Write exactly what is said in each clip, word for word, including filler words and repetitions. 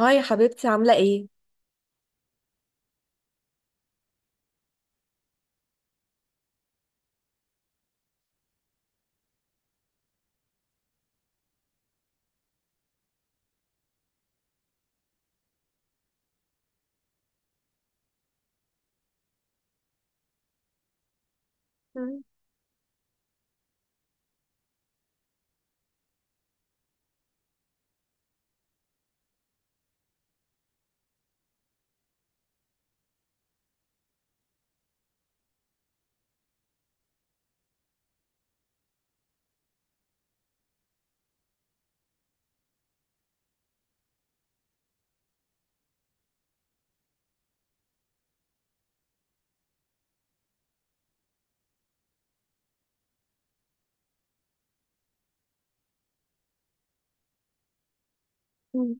هاي يا حبيبتي عاملة ايه؟ مم.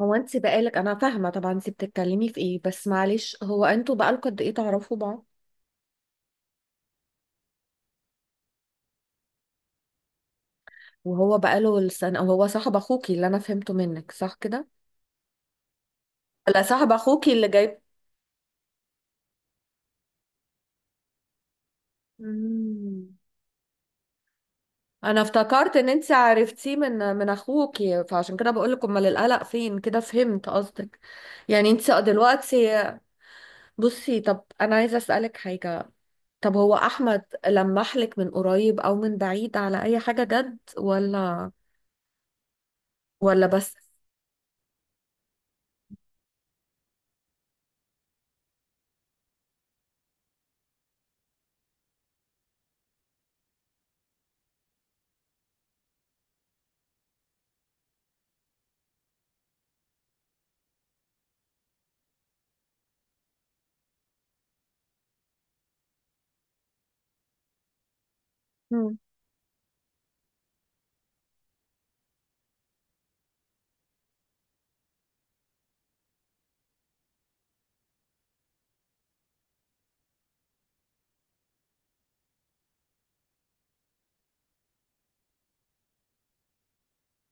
هو انت بقالك، انا فاهمة طبعا انت بتتكلمي في ايه، بس معلش، هو انتوا بقالكوا قد ايه تعرفوا بعض؟ وهو بقاله السنة وهو صاحب اخوكي، اللي انا فهمته منك صح كده؟ لا، صاحب اخوكي اللي جايب. مم. انا افتكرت ان انت عرفتيه من من اخوكي، فعشان كده بقول لك امال القلق فين، كده فهمت قصدك. يعني انت دلوقتي. بصي، طب انا عايزه اسالك حاجه. طب هو احمد لمح لك من قريب او من بعيد على اي حاجه جد ولا ولا بس؟ مم.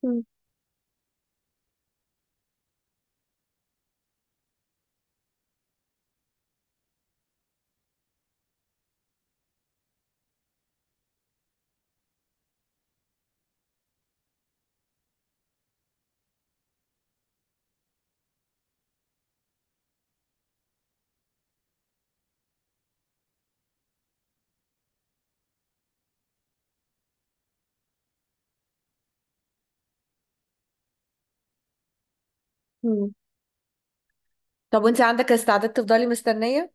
مم. مم. طب وانت عندك استعداد تفضلي مستنيه؟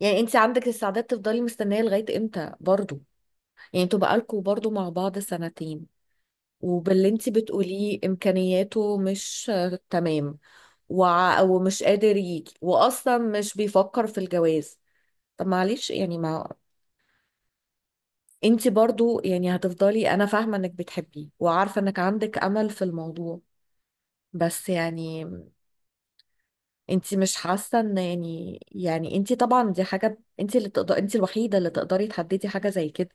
يعني انت عندك استعداد تفضلي مستنيه لغايه امتى برضو؟ يعني انتوا بقالكوا برضو مع بعض سنتين، وباللي انت بتقوليه امكانياته مش آه، تمام، وع- ومش قادر يجي، واصلا مش بيفكر في الجواز. طب معلش يعني ما انت برضو يعني هتفضلي، انا فاهمة انك بتحبيه وعارفة انك عندك امل في الموضوع، بس يعني انت مش حاسة ان يعني يعني انت طبعا دي حاجة انت اللي تقدر، انت الوحيدة اللي تقدري تحددي حاجة زي كده.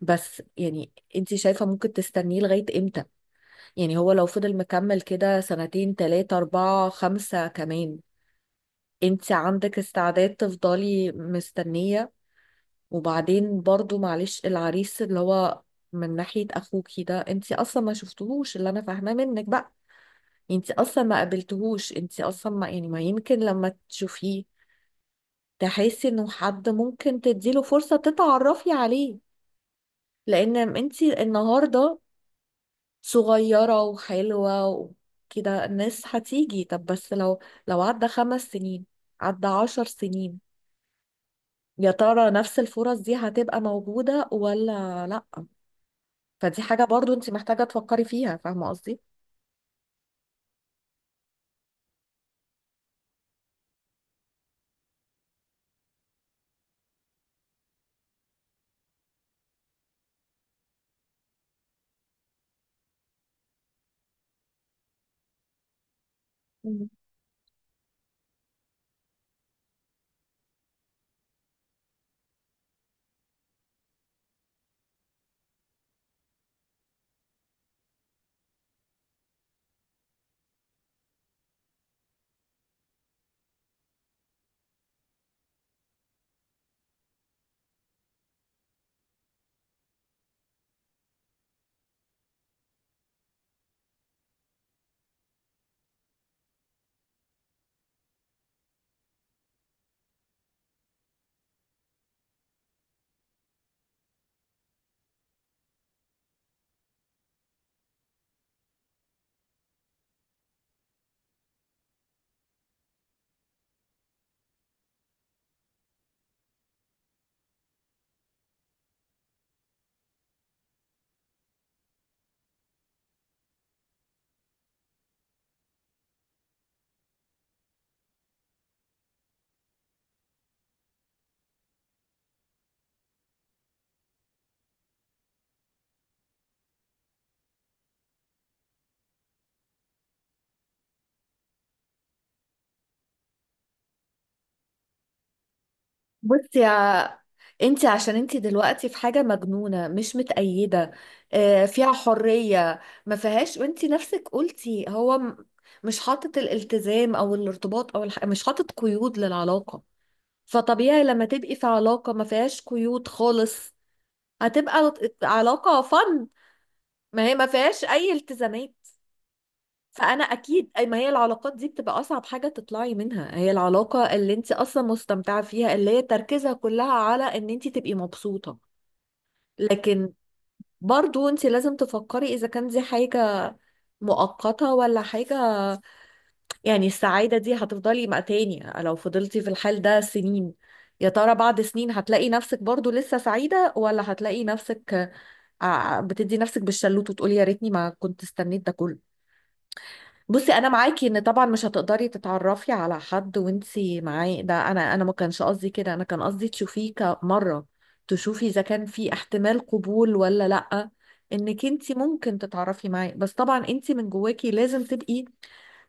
بس يعني انت شايفة ممكن تستنيه لغاية امتى؟ يعني هو لو فضل مكمل كده سنتين تلاتة اربعة خمسة كمان، انت عندك استعداد تفضلي مستنية؟ وبعدين برضو معلش، العريس اللي هو من ناحية اخوكي ده، انتي اصلا ما شفتهوش، اللي انا فاهماه منك بقى انتي اصلا ما قابلتهوش، انتي اصلا ما يعني ما يمكن لما تشوفيه تحسي انه حد ممكن تديله فرصة تتعرفي عليه. لان انتي النهاردة صغيرة وحلوة وكده الناس هتيجي، طب بس لو لو عدى خمس سنين، عدى عشر سنين، يا ترى نفس الفرص دي هتبقى موجودة ولا لأ؟ فدي حاجة برضو انت محتاجة تفكري فيها، فاهمة قصدي؟ مم. بصي يا، انت عشان انت دلوقتي في حاجة مجنونة مش متأيدة، آه، فيها حرية ما فيهاش، وانت نفسك قلتي هو م- مش حاطط الالتزام او الارتباط او الح... مش حاطط قيود للعلاقة. فطبيعي لما تبقي في علاقة ما فيهاش قيود خالص، هتبقى علاقة فن، ما هي ما فيهاش اي التزامات. فانا اكيد أي- ما هي العلاقات دي بتبقى اصعب حاجه تطلعي منها هي العلاقه اللي انت اصلا مستمتعه فيها، اللي هي تركيزها كلها على ان انت تبقي مبسوطه. لكن برضو انت لازم تفكري اذا كان دي حاجه مؤقته ولا حاجه، يعني السعاده دي هتفضلي مع تاني لو فضلتي في الحال ده سنين؟ يا ترى بعد سنين هتلاقي نفسك برضو لسه سعيده، ولا هتلاقي نفسك ع- بتدي نفسك بالشلوت وتقولي يا ريتني ما كنت استنيت ده كله؟ بصي، انا معاكي ان طبعا مش هتقدري تتعرفي على حد وانتي معاه، ده انا انا ما كانش قصدي كده، انا كان قصدي تشوفيه كمره، تشوفي اذا كان في احتمال قبول ولا لا، انك انتي ممكن تتعرفي معاه، بس طبعا انتي من جواكي لازم تبقي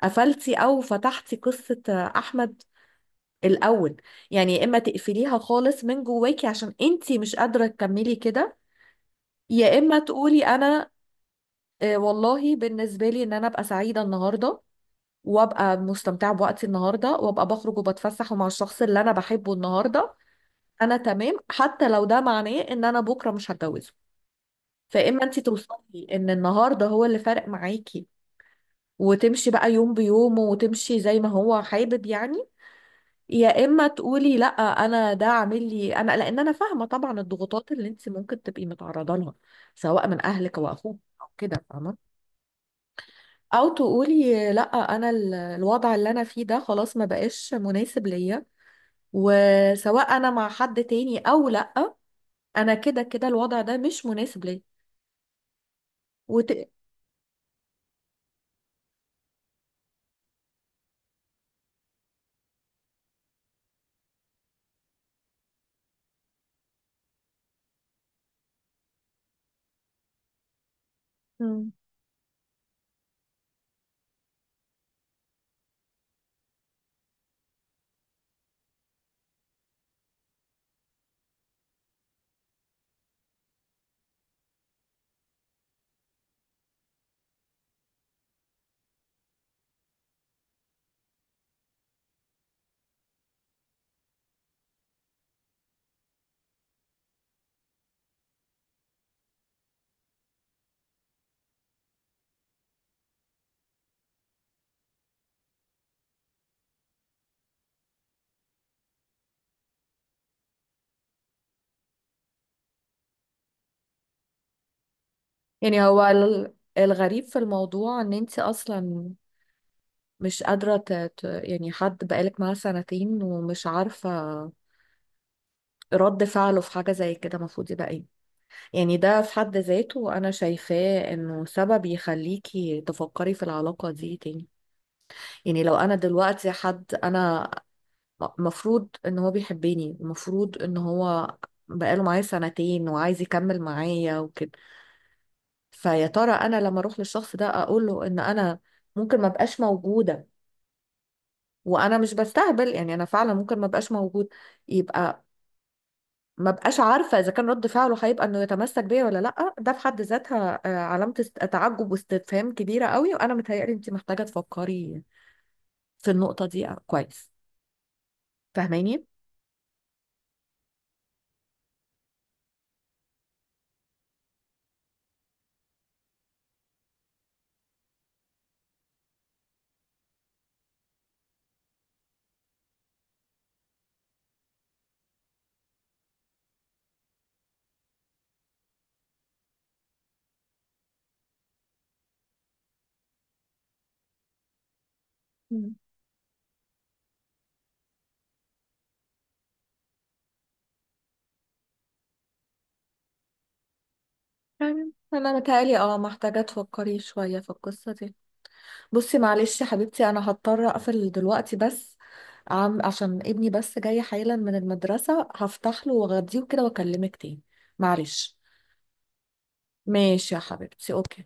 قفلتي او فتحتي قصة احمد الاول. يعني يا اما تقفليها خالص من جواكي عشان انتي مش قادرة تكملي كده، يا اما تقولي انا آه، والله بالنسبة لي ان انا ابقى سعيدة النهاردة، وابقى مستمتعه بوقتي النهارده وابقى بخرج وبتفسح ومع الشخص اللي انا بحبه النهارده، انا تمام حتى لو ده معناه ان انا بكره مش هتجوزه. فاما انت توصلي ان النهارده هو اللي فارق معاكي، وتمشي بقى يوم بيومه وتمشي زي ما هو حابب يعني، يا اما تقولي لا، انا ده عامل لي، انا لان انا فاهمه طبعا الضغوطات اللي انت ممكن تبقي متعرضه لها، سواء من اهلك او اخوك او كده فاهمه، او تقولي لا، انا ال- الوضع اللي انا فيه ده خلاص ما بقاش مناسب ليا، وسواء انا مع حد تاني او لا، انا كده كده الوضع ده مش مناسب ليا. وت... مم. يعني هو ال- الغريب في الموضوع ان انت اصلا مش قادرة ت... ت... يعني حد بقالك معاه سنتين ومش عارفة رد فعله في حاجة زي كده المفروض يبقى ايه. يعني ده في حد ذاته انا شايفاه انه سبب يخليكي تفكري في العلاقة دي تاني، يعني لو انا دلوقتي حد انا المفروض ان هو بيحبني المفروض ان هو بقاله معايا سنتين وعايز يكمل معايا وكده، فيا ترى انا لما اروح للشخص ده اقول له ان انا ممكن ما بقاش موجوده وانا مش بستهبل، يعني انا فعلا ممكن ما بقاش موجود، يبقى ما بقاش عارفه اذا كان رد فعله هيبقى انه يتمسك بيا ولا لا. ده في حد ذاتها آه، علامه است- تعجب واستفهام كبيره قوي، وانا متهيألي انت محتاجه تفكري في النقطه دي كويس، فاهماني؟ يعني انا متهيألي اه محتاجة تفكري شوية في القصة دي. بصي معلش يا حبيبتي، انا هضطر اقفل دلوقتي بس، عم عشان ابني بس جاي حالا من المدرسة، هفتح له واغديه كده واكلمك تاني، معلش. ماشي يا حبيبتي، اوكي.